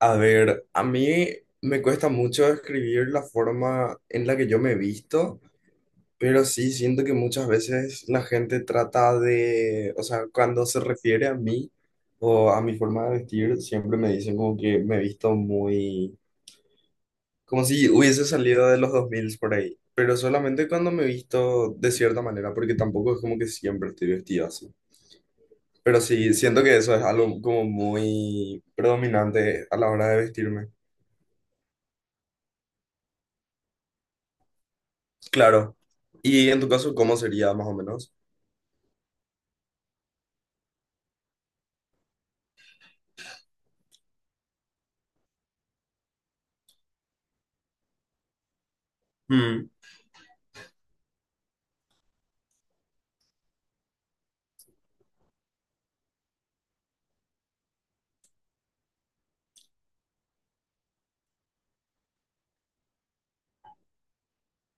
A ver, a mí me cuesta mucho escribir la forma en la que yo me he visto, pero sí siento que muchas veces la gente trata o sea, cuando se refiere a mí o a mi forma de vestir, siempre me dicen como que me he visto muy, como si hubiese salido de los 2000 por ahí, pero solamente cuando me he visto de cierta manera, porque tampoco es como que siempre estoy vestido así. Pero sí, siento que eso es algo como muy predominante a la hora de vestirme. Claro. ¿Y en tu caso cómo sería más o menos? Mm,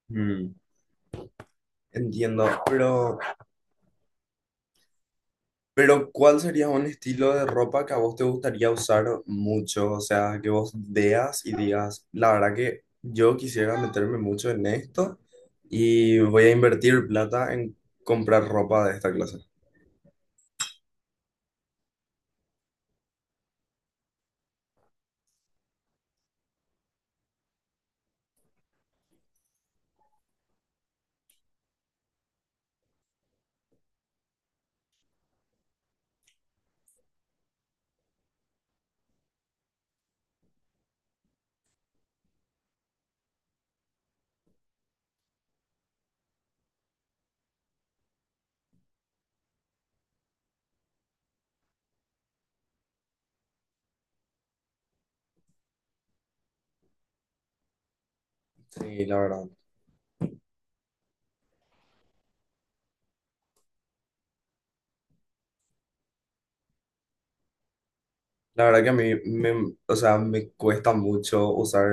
mm, entiendo, pero ¿cuál sería un estilo de ropa que a vos te gustaría usar mucho? O sea, que vos veas y digas, la verdad que yo quisiera meterme mucho en esto y voy a invertir plata en comprar ropa de esta clase. Sí, la verdad. La verdad que o sea, me cuesta mucho usar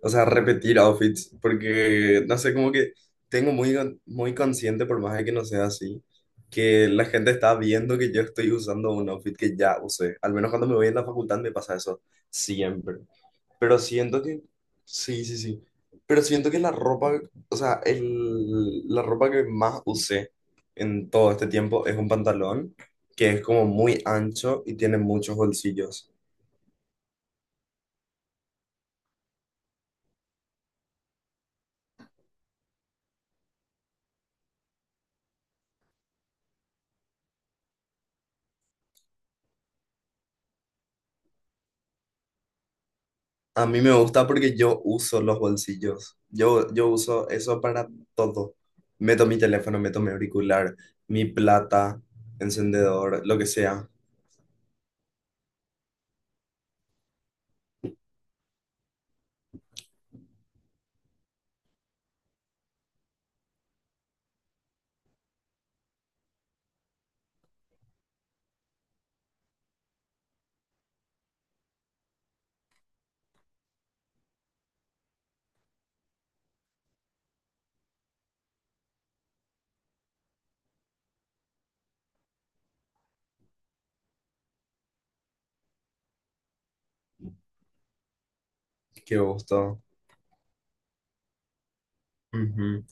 O sea, repetir outfits, porque no sé, como que tengo muy, muy consciente, por más de que no sea así, que la gente está viendo que yo estoy usando un outfit que ya usé. Al menos cuando me voy en la facultad me pasa eso siempre. Pero siento que, sí, sí, sí. Pero siento que o sea, la ropa que más usé en todo este tiempo es un pantalón que es como muy ancho y tiene muchos bolsillos. A mí me gusta porque yo uso los bolsillos. Yo uso eso para todo. Meto mi teléfono, meto mi auricular, mi plata, encendedor, lo que sea. Qué gusto. Ujú.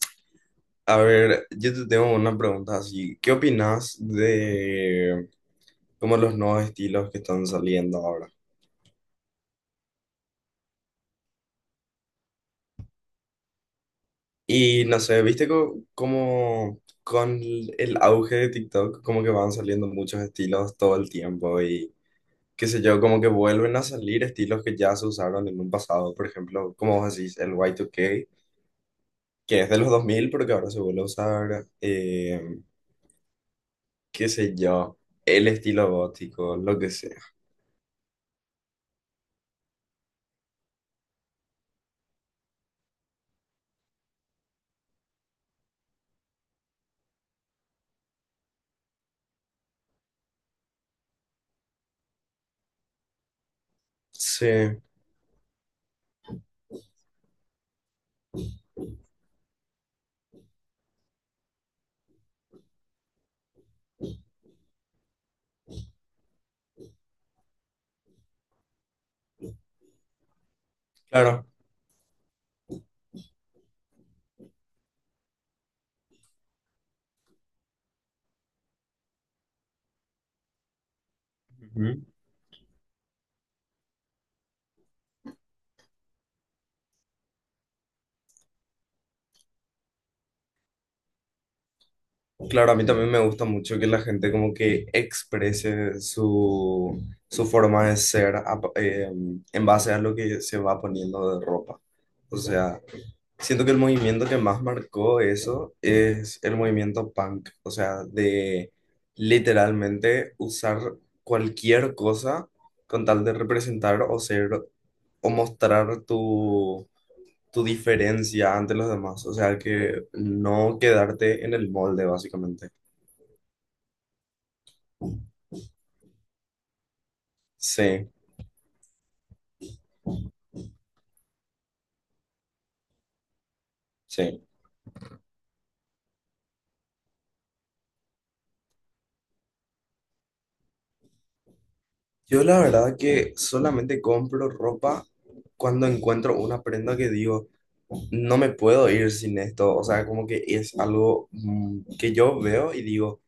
A ver, yo te tengo una pregunta así. ¿Qué opinas de como los nuevos estilos que están saliendo ahora? Y no sé, ¿viste como con el auge de TikTok, como que van saliendo muchos estilos todo el tiempo y qué sé yo, como que vuelven a salir estilos que ya se usaron en un pasado, por ejemplo, como vos decís, el Y2K, que es de los 2000, pero que ahora se vuelve a usar, qué sé yo, el estilo gótico, lo que sea. Sí, claro. Ujú. Claro, a mí también me gusta mucho que la gente como que exprese su, su forma de ser a- en base a lo que se va poniendo de ropa. O sea, siento que el movimiento que más marcó eso es el movimiento punk, o sea, de literalmente usar cualquier cosa con tal de representar o ser o mostrar tu, tu diferencia ante los demás, o sea, que no quedarte en el molde, básicamente. Sí, sí. Yo la verdad que solamente compro ropa cuando encuentro una prenda que digo, no me puedo ir sin esto, o sea, como que es algo mm, que yo veo y digo,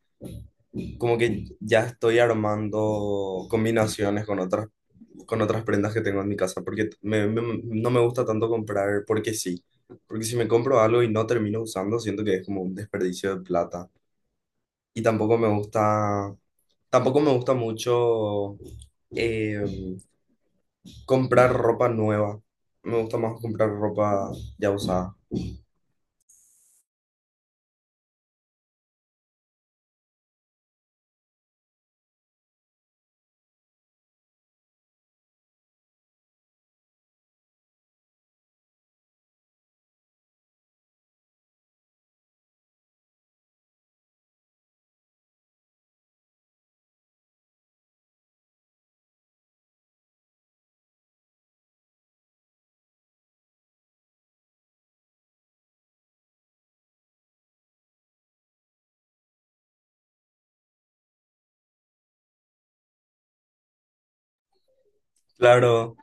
como que ya estoy armando combinaciones con con otras prendas que tengo en mi casa, porque no me gusta tanto comprar porque sí, porque si me compro algo y no termino usando, siento que es como un desperdicio de plata. Y tampoco me gusta, tampoco me gusta mucho em, comprar ropa nueva, me gusta más comprar ropa ya usada. Claro.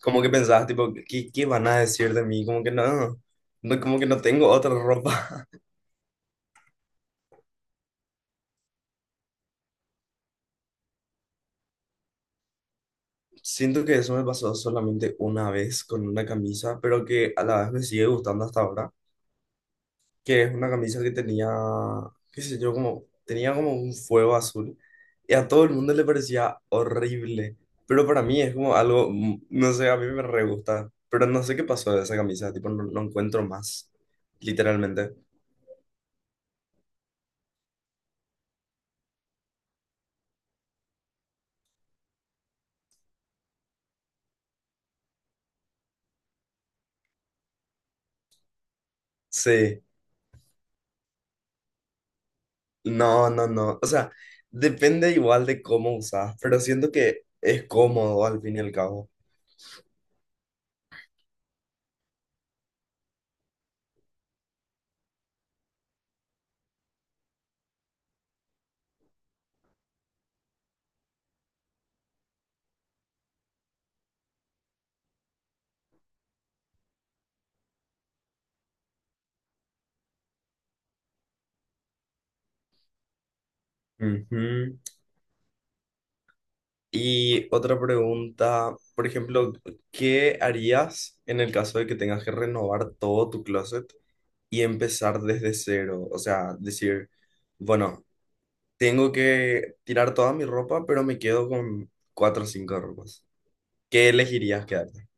Como que pensabas, tipo, ¿qué, qué van a decir de mí? Como que no tengo otra ropa. Siento que eso me pasó solamente una vez con una camisa, pero que a la vez me sigue gustando hasta ahora, que es una camisa que tenía, qué sé yo, como, tenía como un fuego azul y a todo el mundo le parecía horrible, pero para mí es como algo, mm, no sé, a mí me re gusta, pero no sé qué pasó de esa camisa, tipo, no encuentro más, literalmente. Sí. No, no, no. O sea, depende igual de cómo usas, pero siento que es cómodo al fin y al cabo. Ujú. Y otra pregunta, por ejemplo, ¿qué harías en el caso de que tengas que renovar todo tu closet y empezar desde cero? O sea, decir, bueno, tengo que tirar toda mi ropa, pero me quedo con cuatro o cinco ropas. ¿Qué elegirías quedarte?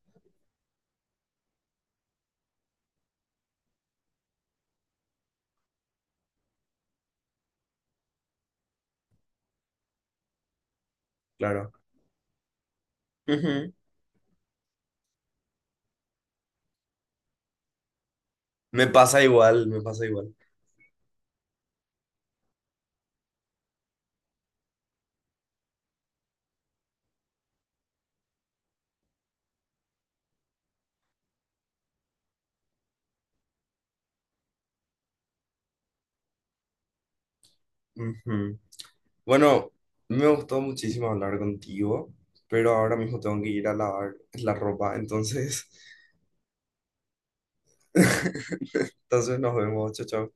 Claro. Ujú. Me pasa igual, me pasa igual. Ujú. Bueno, me gustó muchísimo hablar contigo, pero ahora mismo tengo que ir a lavar la ropa, entonces, entonces nos vemos, chao, chao.